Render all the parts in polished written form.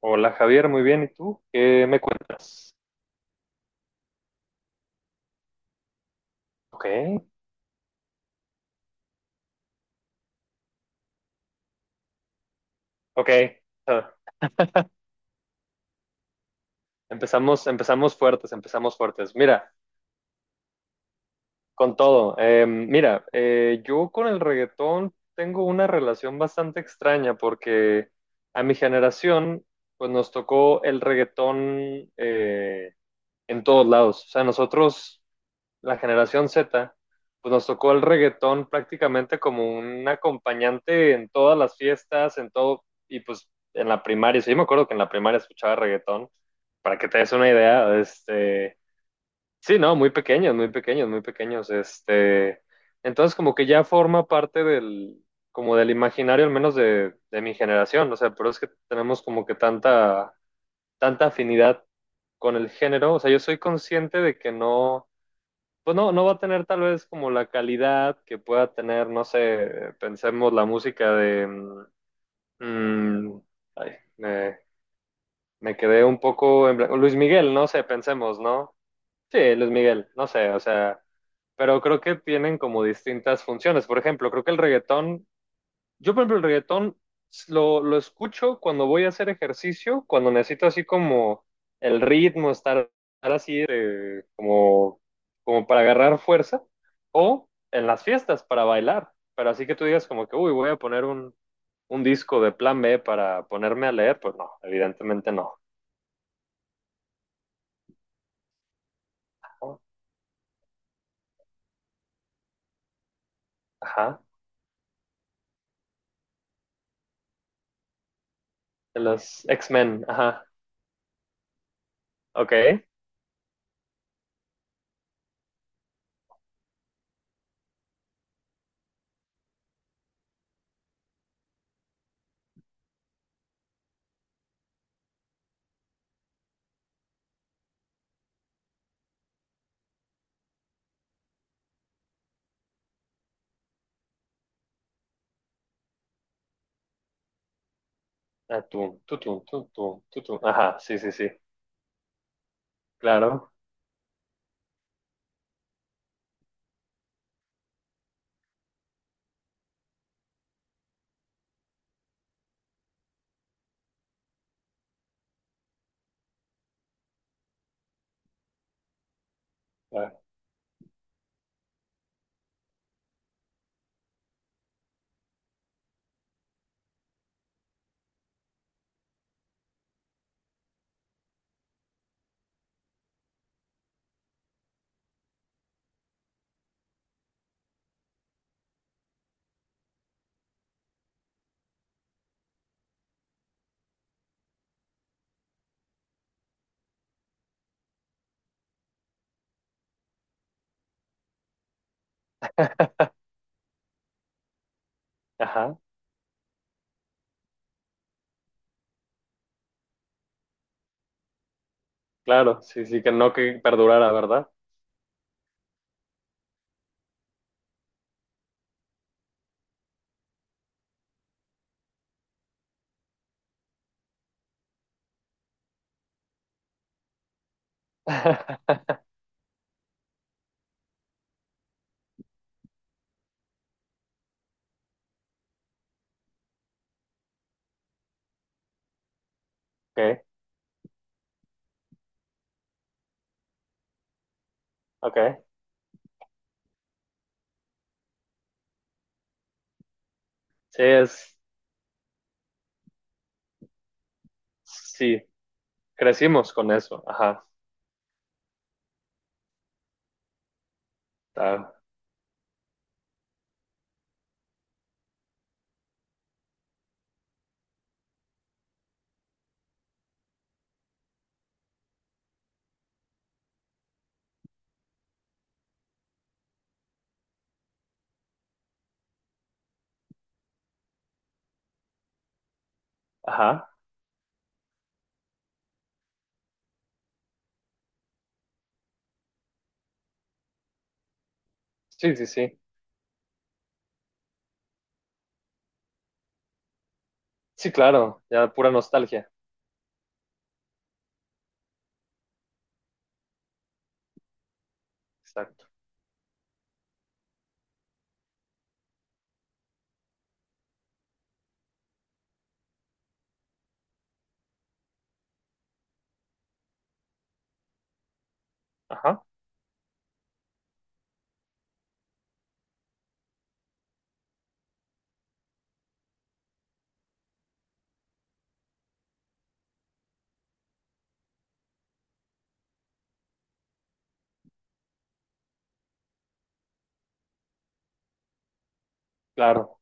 Hola Javier, muy bien. ¿Y tú? ¿Qué me cuentas? Ok, ok. Ah, empezamos, empezamos fuertes, empezamos fuertes. Mira, con todo. Mira, yo con el reggaetón tengo una relación bastante extraña porque a mi generación, pues nos tocó el reggaetón en todos lados. O sea, nosotros la generación Z, pues nos tocó el reggaetón prácticamente como un acompañante en todas las fiestas, en todo, y pues en la primaria, sí, yo me acuerdo que en la primaria escuchaba reggaetón, para que te des una idea, sí, no, muy pequeños, muy pequeños, muy pequeños, entonces como que ya forma parte como del imaginario al menos de mi generación, o sea, pero es que tenemos como que tanta, tanta afinidad con el género, o sea, yo soy consciente de que no, pues no, no va a tener tal vez como la calidad que pueda tener, no sé, pensemos la música de mm, mm, ay, me, me quedé un poco en blanco. Luis Miguel, no sé, pensemos, ¿no? Sí, Luis Miguel, no sé, o sea, pero creo que tienen como distintas funciones. Por ejemplo, creo que el reggaetón yo, por ejemplo, el reggaetón lo escucho cuando voy a hacer ejercicio, cuando necesito así como el ritmo, estar, estar así como para agarrar fuerza, o en las fiestas para bailar. Pero así que tú digas como que, uy, voy a poner un disco de Plan B para ponerme a leer, pues no, evidentemente no. ¿No? Ajá, de los X-Men, ajá, ok. Ah, tú, tú, tú, tú, tú, tú, tú. Ajá, sí, sí, sí, claro. Ah, ajá. Claro, sí, sí, que no que perdurara, ¿verdad? Okay, okay, sí, es, sí, crecimos con eso, ajá, está, ajá, sí, sí, sí, sí, claro, ya pura nostalgia, exacto, ajá, claro,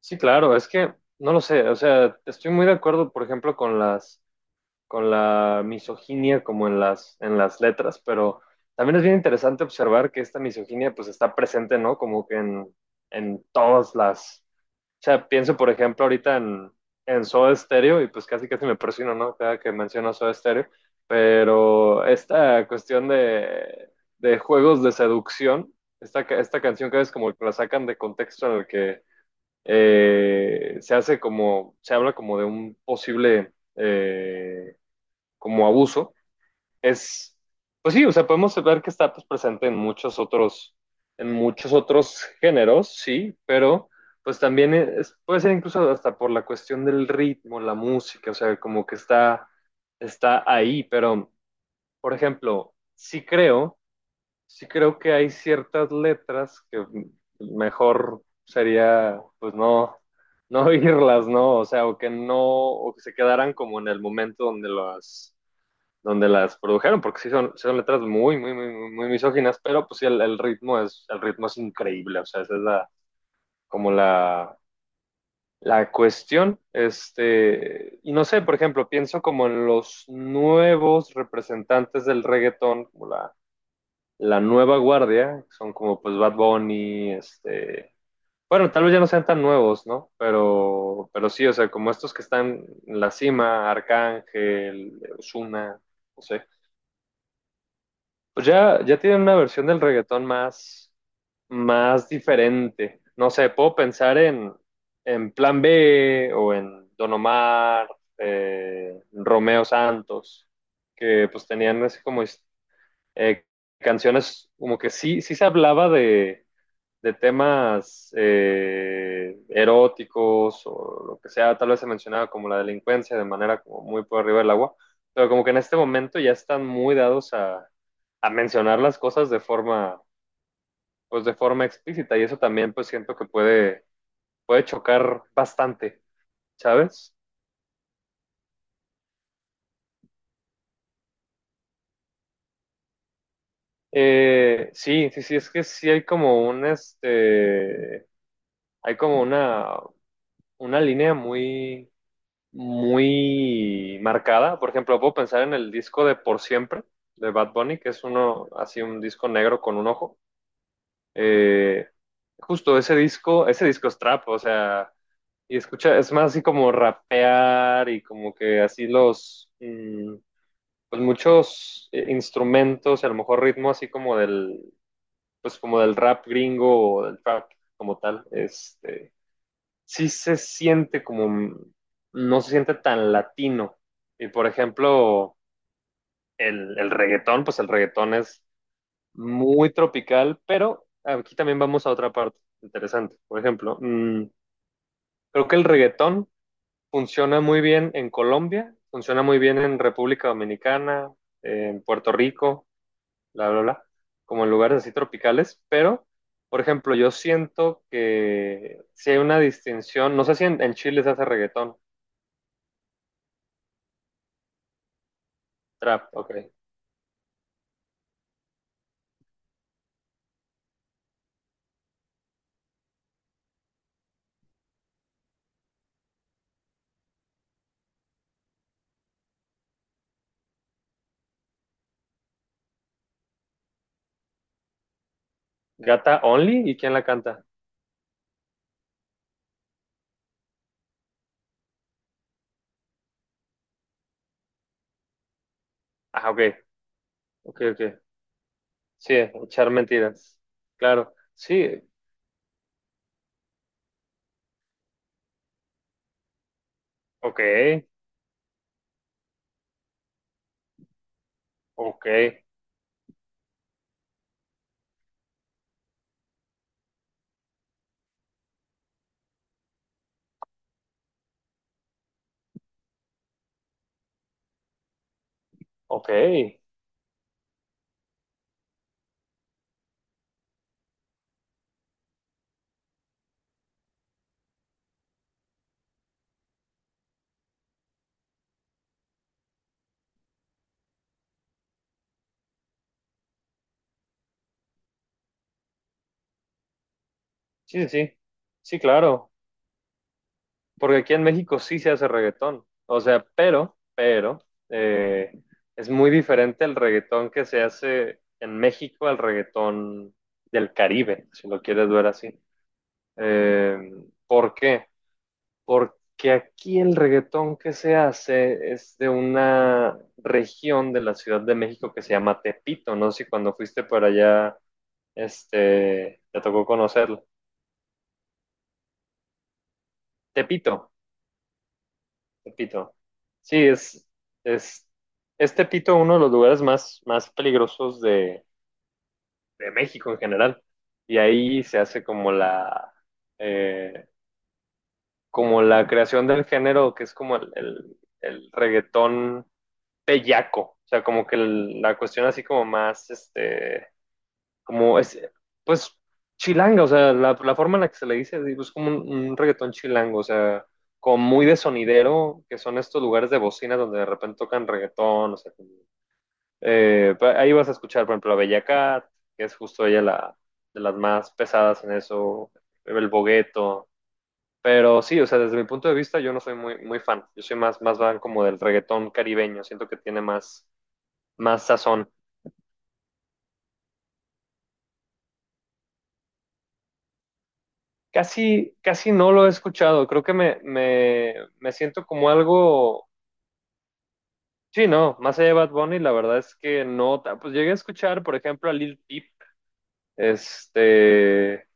sí, claro, es que, no lo sé, o sea, estoy muy de acuerdo, por ejemplo, con las, con la misoginia como en las letras, pero también es bien interesante observar que esta misoginia, pues, está presente, ¿no? Como que en todas las. O sea, pienso, por ejemplo, ahorita en Soda Stereo, y pues casi casi me persino, ¿no? Cada que menciono Soda Stereo, pero esta cuestión de juegos de seducción, esta, esta canción que es como que la sacan de contexto en el que se hace como, se habla como de un posible como abuso, es, pues sí, o sea, podemos ver que está pues, presente en muchos otros géneros, sí, pero pues puede ser incluso hasta por la cuestión del ritmo, la música, o sea, como que está, está ahí, pero, por ejemplo, sí creo que hay ciertas letras que mejor sería, pues no, no oírlas, ¿no? O sea, o que no, o que se quedaran como en el momento donde las produjeron, porque sí son letras muy, muy, muy, muy misóginas, pero pues sí, el ritmo es increíble, o sea, esa es la, como la cuestión, este, y no sé, por ejemplo, pienso como en los nuevos representantes del reggaetón, como la nueva guardia, son como pues Bad Bunny, este, bueno, tal vez ya no sean tan nuevos, ¿no? Pero sí, o sea, como estos que están en la cima, Arcángel, Ozuna, no sé. Pues ya, ya tienen una versión del reggaetón más, más diferente. No sé, puedo pensar en Plan B o en Don Omar, Romeo Santos, que pues tenían así como eh, canciones como que sí, sí se hablaba de temas eróticos o lo que sea, tal vez se mencionaba como la delincuencia de manera como muy por arriba del agua, pero como que en este momento ya están muy dados a mencionar las cosas de forma, pues de forma explícita y eso también pues siento que puede, puede chocar bastante, ¿sabes? Sí, sí, sí, es que sí hay como un, este, hay como una línea muy, muy marcada. Por ejemplo, puedo pensar en el disco de Por Siempre de Bad Bunny, que es uno, así un disco negro con un ojo. Eh, Justo ese disco es trap, o sea, y escucha, es más así como rapear y como que así pues muchos instrumentos, y a lo mejor ritmo así como pues como del rap gringo o del trap como tal, este sí se siente como, no se siente tan latino. Y por ejemplo, el reggaetón, pues el reggaetón es muy tropical, pero aquí también vamos a otra parte interesante. Por ejemplo, mm, creo que el reggaetón funciona muy bien en Colombia, funciona muy bien en República Dominicana, en Puerto Rico, bla, bla, bla, como en lugares así tropicales, pero, por ejemplo, yo siento que si hay una distinción, no sé si en, en Chile se hace reggaetón. Trap, ok. Gata Only, ¿y quién la canta? Ah, ok, ok, ok. Sí, echar mentiras. Claro, sí, ok, ok, ok. Sí, sí, sí, sí, claro. Porque aquí en México sí se hace reggaetón. O sea, pero, eh, es muy diferente el reggaetón que se hace en México al reggaetón del Caribe, si lo quieres ver así. Eh, ¿Por qué? Porque aquí el reggaetón que se hace es de una región de la Ciudad de México que se llama Tepito, no sé si cuando fuiste por allá, este, te tocó conocerlo. Tepito, Tepito. Sí, es, es Tepito uno de los lugares más, más peligrosos de México en general. Y ahí se hace eh, como la creación del género, que es como el reggaetón bellaco, o sea, como que la cuestión así como más, este, como es, pues chilanga, o sea, la forma en la que se le dice, digo, es como un reggaetón chilango, o sea, como muy de sonidero, que son estos lugares de bocina donde de repente tocan reggaetón, o sea, como, ahí vas a escuchar, por ejemplo, a Bella Cat, que es justo ella la, de las más pesadas en eso, el Bogueto. Pero sí, o sea, desde mi punto de vista yo no soy muy, muy fan. Yo soy más, más fan como del reggaetón caribeño. Siento que tiene más, más sazón. Casi, casi no lo he escuchado. Creo que me siento como algo. Sí, no, más allá de Bad Bunny, la verdad es que no. Pues llegué a escuchar, por ejemplo, a Lil Peep, este,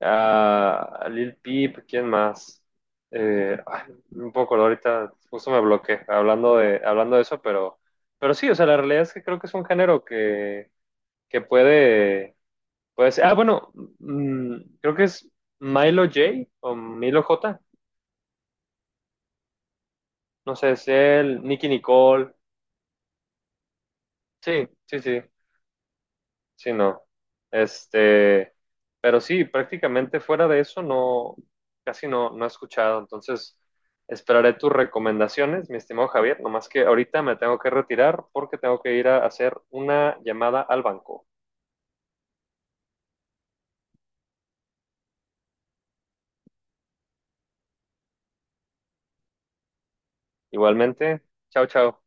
a Lil Peep, ¿quién más? Un poco, ahorita justo me bloqueé hablando de eso, pero sí, o sea, la realidad es que creo que es un género que puede, puede ser. Ah, bueno, mm, creo que es Milo J o Milo J. No sé, es él, Nicky Nicole. Sí, sí, sí, sí, no. Este, pero sí, prácticamente fuera de eso no, casi no, no he escuchado. Entonces, esperaré tus recomendaciones, mi estimado Javier. Nomás que ahorita me tengo que retirar porque tengo que ir a hacer una llamada al banco. Igualmente, chao, chao.